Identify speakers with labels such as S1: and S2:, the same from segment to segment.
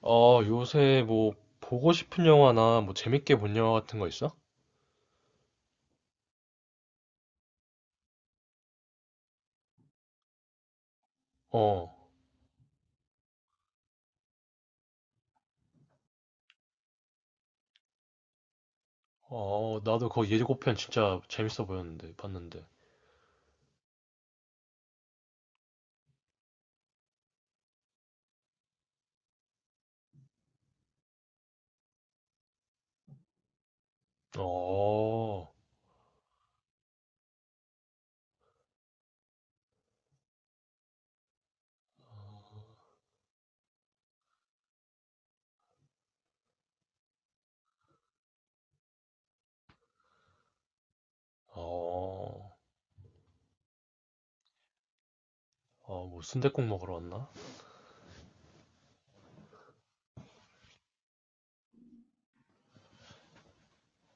S1: 요새 뭐 보고 싶은 영화나 뭐 재밌게 본 영화 같은 거 있어? 어, 나도 그 예고편 진짜 재밌어 보였는데 봤는데. 어, 어, 어, 뭐 순댓국 먹으러 왔나?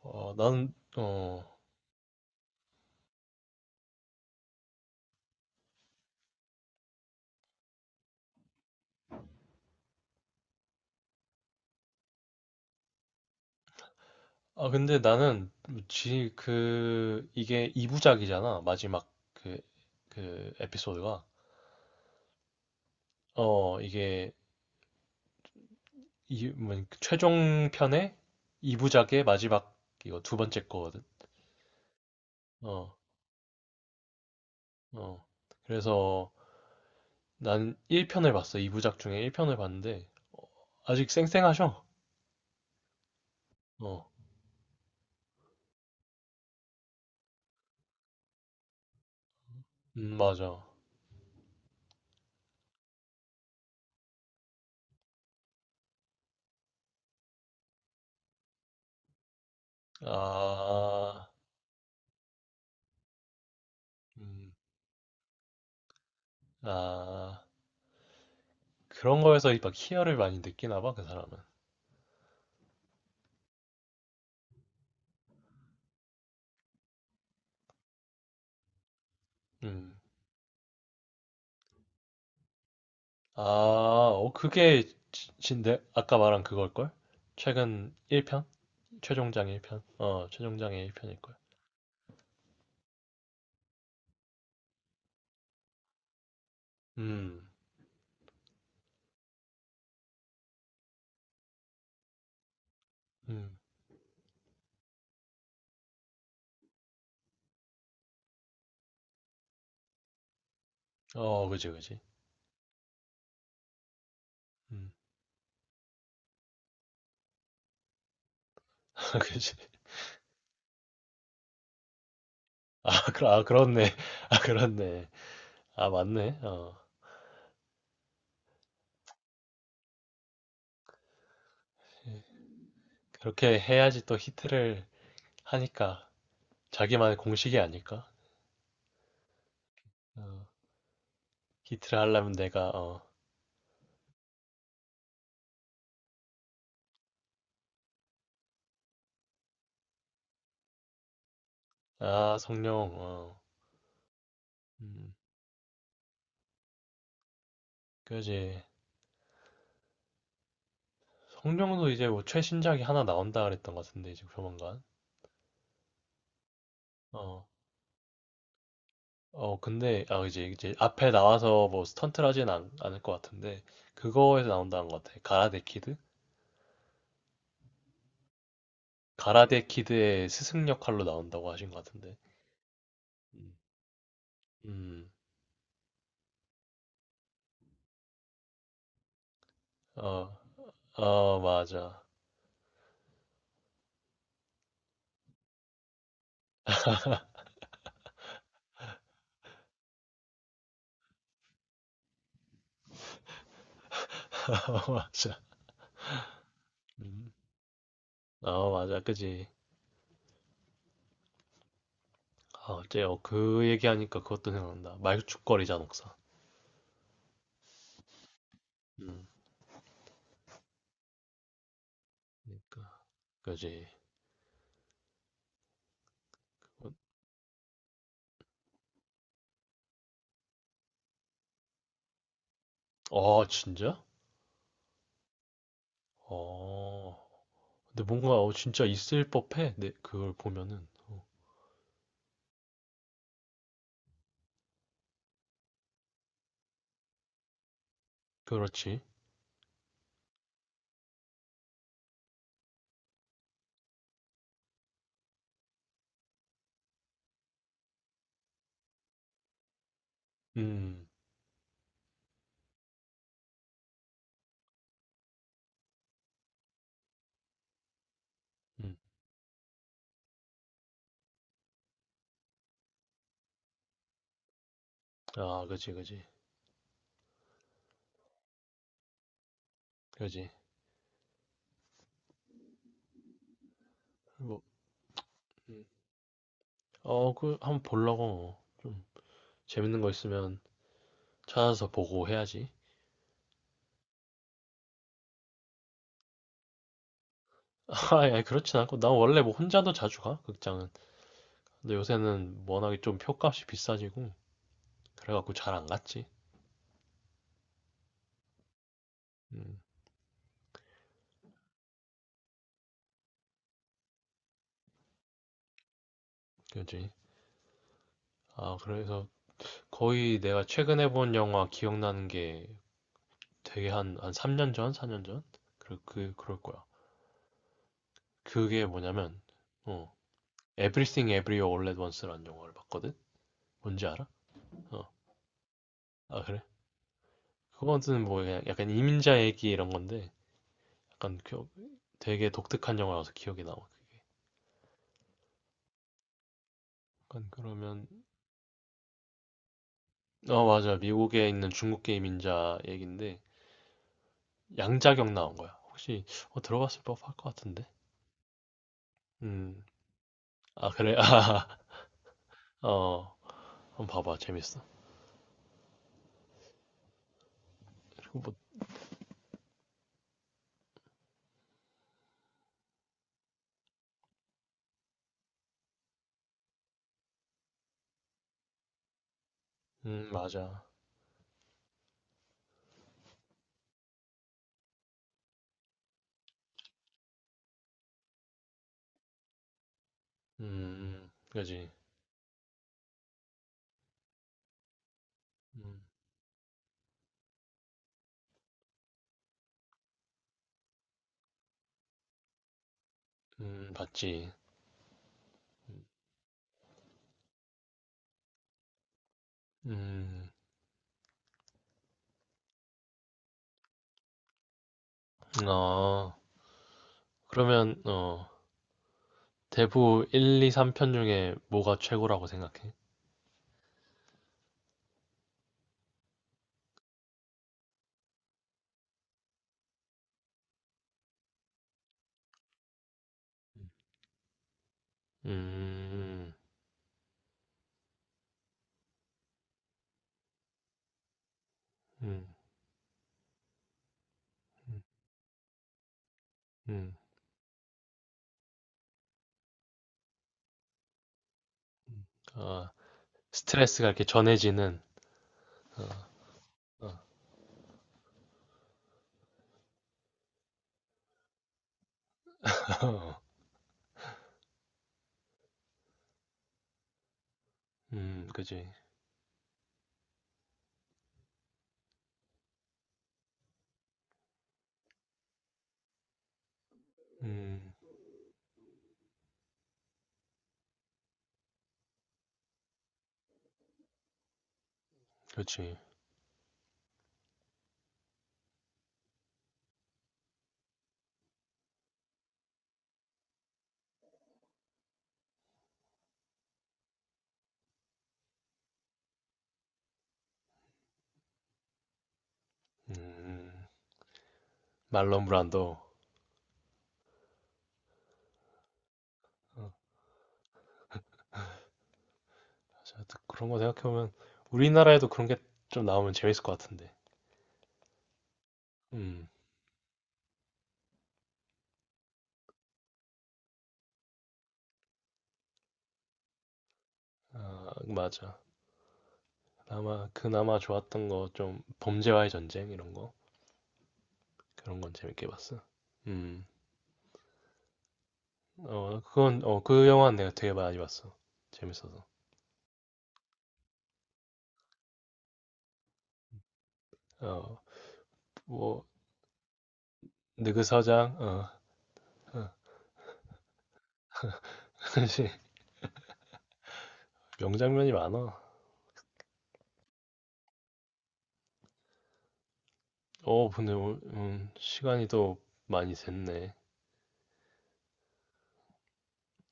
S1: 어, 나는 아 근데 나는 지 그 이게 2부작이잖아, 마지막 그 에피소드가. 어 이게 이 뭐 최종 편의 2부작의 마지막, 이거 두 번째 거거든. 어. 어. 그래서 난 1편을 봤어. 2부작 중에 1편을 봤는데 아직 쌩쌩하셔. 어. 맞아. 아, 음, 아, 그런 거에서 막 희열을 많이 느끼나 봐, 그 사람은. 음. 아, 어, 그게 아까 말한 그걸걸? 최근 1편? 최종장 1편? 어, 최종장의 1편일걸. 음, 음. 어, 그지, 그지. 음. 그지. 아, 그, 아, 그렇네. 아, 그렇네. 아, 맞네. 어. 그렇게 해야지 또 히트를 하니까. 자기만의 공식이 아닐까? 어, 히트를 하려면 내가 어, 아 성룡 어, 음, 그지. 성룡도 이제 뭐 최신작이 하나 나온다 그랬던 것 같은데 지금 조만간. 어, 어 근데 아 이제 앞에 나와서 뭐 스턴트를 하진 않을 것 같은데. 그거에서 나온다는 것 같아, 가라데 키드. 가라데 키드의 스승 역할로 나온다고 하신 것 같은데. 음, 음, 어, 어 맞아. 맞아. 음. 아, 맞아. 그지. 아, 어, 그 얘기하니까 그것도 생각난다. 말죽거리자, 녹사. 음, 그니까. 그지. 어, 아, 진짜? 어. 근데 뭔가, 어, 진짜 있을 법해. 네, 그걸 보면은. 어, 그렇지. 음, 음. 아, 그지, 그지. 그지. 뭐, 음. 어, 그, 한번 보려고. 좀, 재밌는 거 있으면 찾아서 보고 해야지. 아, 야, 그렇진 않고. 난 원래 뭐 혼자도 자주 가, 극장은. 근데 요새는 워낙에 좀 표값이 비싸지고. 그래갖고 잘 안 갔지. 음, 그지. 아, 그래서 거의 내가 최근에 본 영화 기억나는 게 되게 한 3년 전, 4년 전? 그럴 거야. 그게 뭐냐면, 어, Everything Everywhere All at Once라는 영화를 봤거든? 뭔지 알아? 어, 아, 그래? 그거는 뭐 그냥 약간 이민자 얘기 이런 건데, 약간 되게 독특한 영화라서 기억에 남아. 약간 그러면, 어, 맞아. 미국에 있는 중국계 이민자 얘기인데, 양자경 나온 거야. 혹시, 어, 들어봤을 법할 것 같은데? 음. 아, 그래? 아, 어. 한번 봐봐. 재밌어. 그리고 뭐, 맞아. 그지. 음, 봤지. 음, 어. 그러면, 어. 대부 1, 2, 3편 중에 뭐가 최고라고 생각해? 음, 음, 음, 음. 음. 어, 스트레스가 이렇게 전해지는, 어, 어, 어, 그지. 음, 그지. 음, 음. 말론 브란도. 어, 그런 거 생각해보면 우리나라에도 그런 게 좀 나오면 재밌을 것 같은데. 음, 아, 맞아. 아마 그나마 좋았던 거 좀 범죄와의 전쟁 이런 거. 그런 건 재밌게 봤어. 음, 어, 그건 어, 그 영화는 내가 되게 많이 봤어. 재밌어서. 어, 뭐 느그서장, 어, 어, 사 명장면이 많아. 어, 근데 시간이 또 많이 됐네.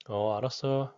S1: 어, 알았어.